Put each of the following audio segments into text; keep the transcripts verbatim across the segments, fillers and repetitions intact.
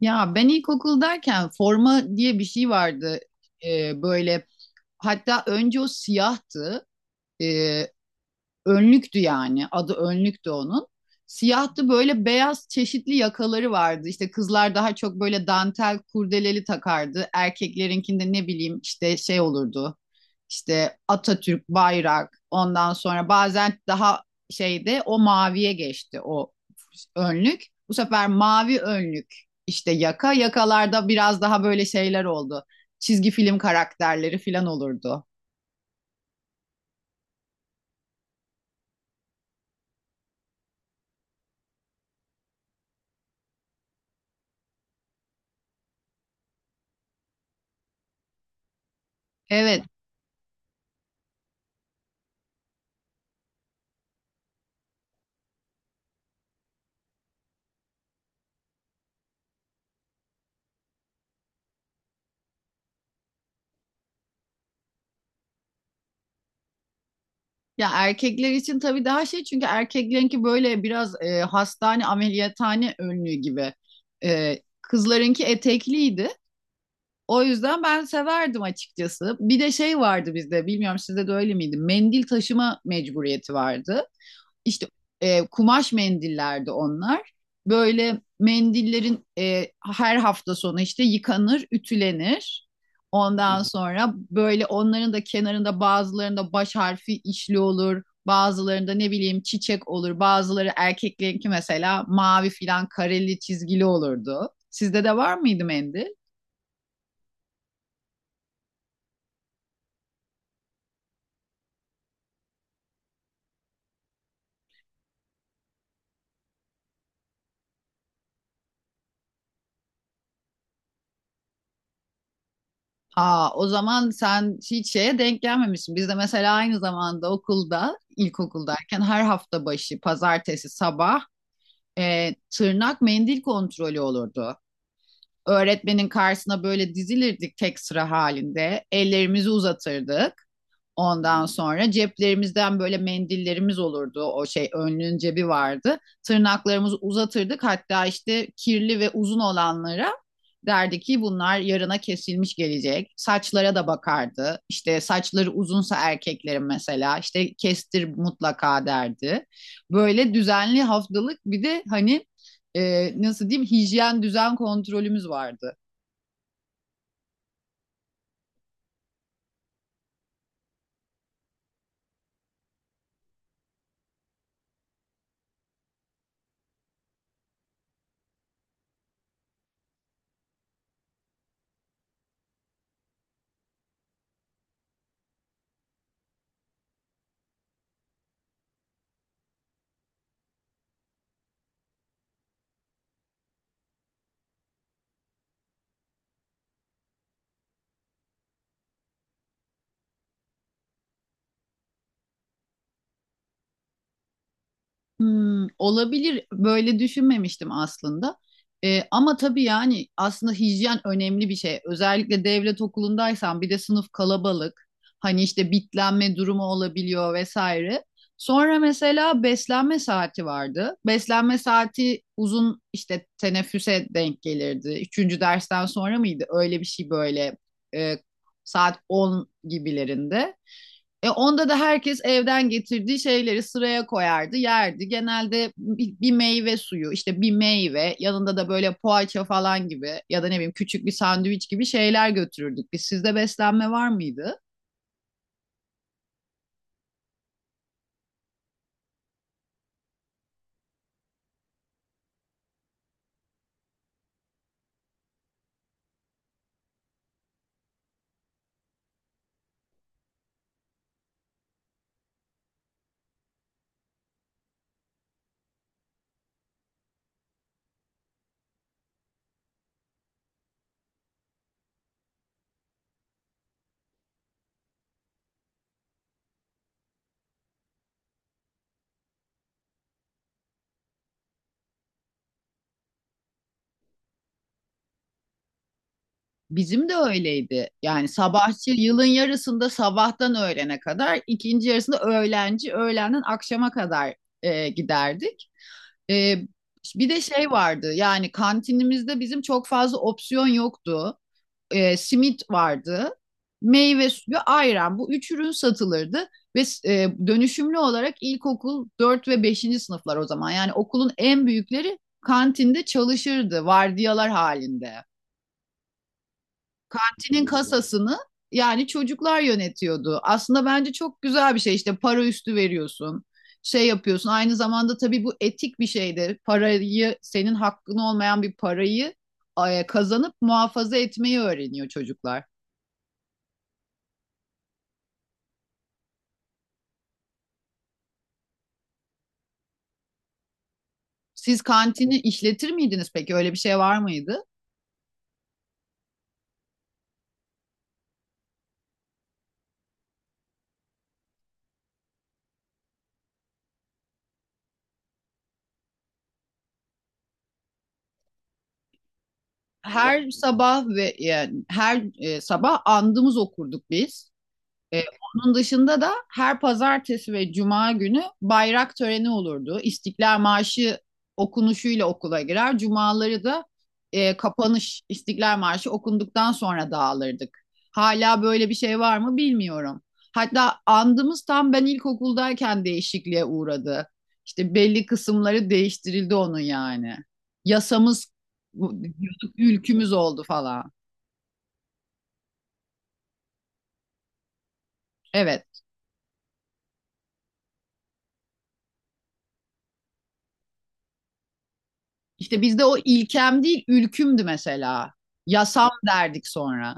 Ya ben ilkokuldayken forma diye bir şey vardı. Ee, böyle hatta önce o siyahtı, önlüktü yani. Adı önlüktü onun. Siyahtı böyle, beyaz çeşitli yakaları vardı. İşte kızlar daha çok böyle dantel kurdeleli takardı. Erkeklerinkinde ne bileyim işte şey olurdu. İşte Atatürk, bayrak. Ondan sonra bazen daha şeyde o maviye geçti o önlük. Bu sefer mavi önlük, işte yaka. Yakalarda biraz daha böyle şeyler oldu, çizgi film karakterleri falan olurdu. Evet. Ya erkekler için tabii daha şey, çünkü erkeklerinki böyle biraz e, hastane ameliyathane önlüğü gibi. E, kızlarınki etekliydi. O yüzden ben severdim açıkçası. Bir de şey vardı bizde, bilmiyorum sizde de öyle miydi? Mendil taşıma mecburiyeti vardı. İşte e, kumaş mendillerdi onlar. Böyle mendillerin e, her hafta sonu işte yıkanır, ütülenir. Ondan sonra böyle onların da kenarında bazılarında baş harfi işli olur. Bazılarında ne bileyim çiçek olur. Bazıları erkeklerinki mesela mavi filan kareli çizgili olurdu. Sizde de var mıydı mendil? Aa, o zaman sen hiç şeye denk gelmemişsin. Bizde mesela aynı zamanda okulda, ilkokuldayken her hafta başı pazartesi sabah e, tırnak mendil kontrolü olurdu. Öğretmenin karşısına böyle dizilirdik tek sıra halinde. Ellerimizi uzatırdık. Ondan sonra ceplerimizden böyle mendillerimiz olurdu. O şey, önlüğün cebi vardı. Tırnaklarımızı uzatırdık. Hatta işte kirli ve uzun olanlara derdi ki bunlar yarına kesilmiş gelecek. Saçlara da bakardı. İşte saçları uzunsa erkeklerin mesela işte kestir mutlaka derdi. Böyle düzenli haftalık bir de hani e, nasıl diyeyim, hijyen düzen kontrolümüz vardı. Hmm, olabilir. Böyle düşünmemiştim aslında. Ee, ama tabii yani aslında hijyen önemli bir şey. Özellikle devlet okulundaysan bir de sınıf kalabalık. Hani işte bitlenme durumu olabiliyor vesaire. Sonra mesela beslenme saati vardı. Beslenme saati uzun işte teneffüse denk gelirdi. Üçüncü dersten sonra mıydı? Öyle bir şey, böyle e, saat on gibilerinde. E, onda da herkes evden getirdiği şeyleri sıraya koyardı, yerdi. Genelde bir, bir meyve suyu, işte bir meyve, yanında da böyle poğaça falan gibi ya da ne bileyim küçük bir sandviç gibi şeyler götürürdük. Biz, sizde beslenme var mıydı? Bizim de öyleydi. Yani sabahçı yılın yarısında sabahtan öğlene kadar, ikinci yarısında öğlenci, öğlenden akşama kadar e, giderdik. E, Bir de şey vardı, yani kantinimizde bizim çok fazla opsiyon yoktu. E, simit vardı, meyve suyu, ayran. Bu üç ürün satılırdı ve e, dönüşümlü olarak ilkokul dört ve beşinci sınıflar o zaman. Yani okulun en büyükleri kantinde çalışırdı vardiyalar halinde. Kantinin kasasını yani çocuklar yönetiyordu. Aslında bence çok güzel bir şey, işte para üstü veriyorsun, şey yapıyorsun. Aynı zamanda tabii bu etik bir şey de, parayı, senin hakkın olmayan bir parayı e, kazanıp muhafaza etmeyi öğreniyor çocuklar. Siz kantini işletir miydiniz peki? Öyle bir şey var mıydı? Her sabah ve yani her e, sabah andımız okurduk biz. Ee, Onun dışında da her pazartesi ve cuma günü bayrak töreni olurdu. İstiklal Marşı okunuşuyla okula girer. Cumaları da e, kapanış İstiklal Marşı okunduktan sonra dağılırdık. Hala böyle bir şey var mı bilmiyorum. Hatta andımız tam ben ilkokuldayken değişikliğe uğradı. İşte belli kısımları değiştirildi onun yani. Yasamız bu- diyorduk, ülkümüz oldu falan. Evet. İşte bizde o ilkem değil, ülkümdü mesela. Yasam derdik sonra.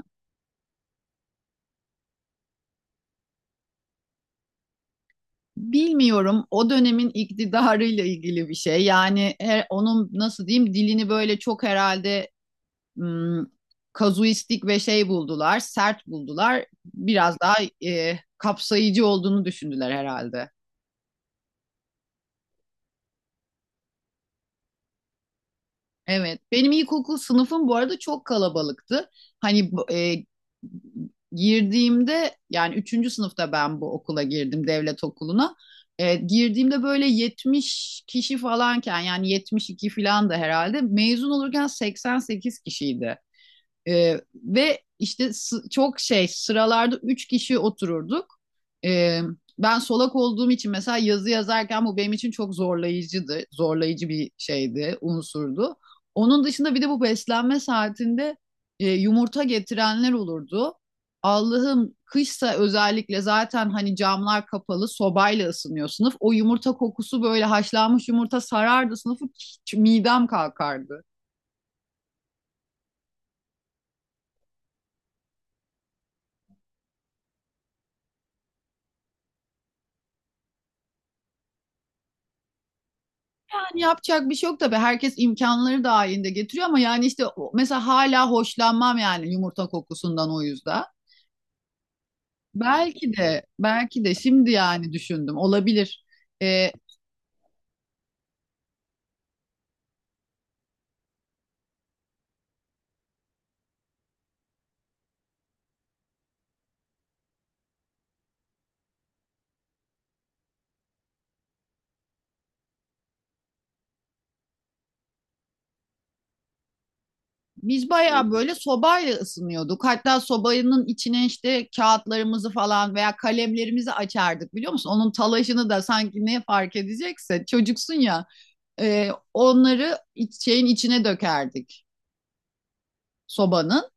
Bilmiyorum, o dönemin iktidarıyla ilgili bir şey. Yani her, onun nasıl diyeyim dilini böyle çok herhalde hmm, kazuistik ve şey buldular, sert buldular. Biraz daha e, kapsayıcı olduğunu düşündüler herhalde. Evet, benim ilkokul sınıfım bu arada çok kalabalıktı. Hani bu- e, girdiğimde, yani üçüncü sınıfta ben bu okula girdim, devlet okuluna. E, girdiğimde böyle yetmiş kişi falanken, yani yetmiş iki falan, da herhalde mezun olurken seksen sekiz kişiydi. Ee, ve işte sı- çok şey, sıralarda üç kişi otururduk. Ee, Ben solak olduğum için mesela yazı yazarken bu benim için çok zorlayıcıydı. Zorlayıcı bir şeydi, unsurdu. Onun dışında bir de bu beslenme saatinde e, yumurta getirenler olurdu. Allah'ım, kışsa özellikle, zaten hani camlar kapalı, sobayla ısınıyor sınıf. O yumurta kokusu, böyle haşlanmış yumurta sarardı sınıfı, hiç midem kalkardı. Yani yapacak bir şey yok tabii. Herkes imkanları dahilinde getiriyor ama yani işte o- mesela hala hoşlanmam yani yumurta kokusundan o yüzden. Belki de belki de şimdi yani düşündüm, olabilir. Ee, Biz bayağı böyle sobayla ısınıyorduk. Hatta sobanın içine işte kağıtlarımızı falan veya kalemlerimizi açardık, biliyor musun? Onun talaşını da, sanki ne fark edecekse, çocuksun ya. Ee, onları iç- şeyin içine dökerdik, sobanın.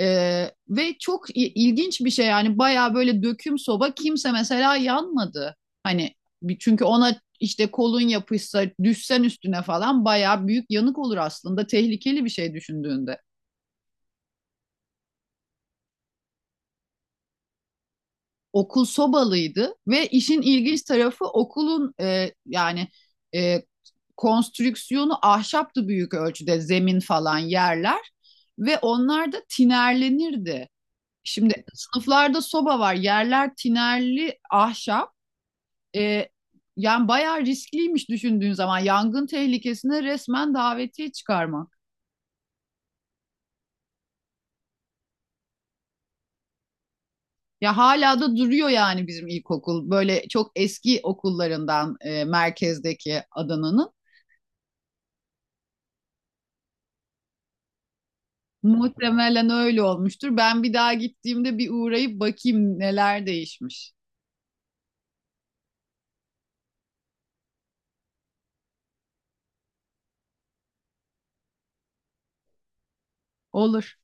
Ee, ve çok ilginç bir şey yani, bayağı böyle döküm soba, kimse mesela yanmadı. Hani, çünkü ona işte kolun yapışsa, düşsen üstüne falan, bayağı büyük yanık olur aslında, tehlikeli bir şey düşündüğünde. Okul sobalıydı ve işin ilginç tarafı okulun e, yani e, konstrüksiyonu ahşaptı büyük ölçüde, zemin falan yerler, ve onlar da tinerlenirdi. Şimdi sınıflarda soba var, yerler tinerli ahşap. E, Yani bayağı riskliymiş düşündüğün zaman, yangın tehlikesine resmen davetiye çıkarmak. Ya hala da duruyor yani bizim ilkokul. Böyle çok eski okullarından e, merkezdeki Adana'nın. Muhtemelen öyle olmuştur. Ben bir daha gittiğimde bir uğrayıp bakayım neler değişmiş. Olur.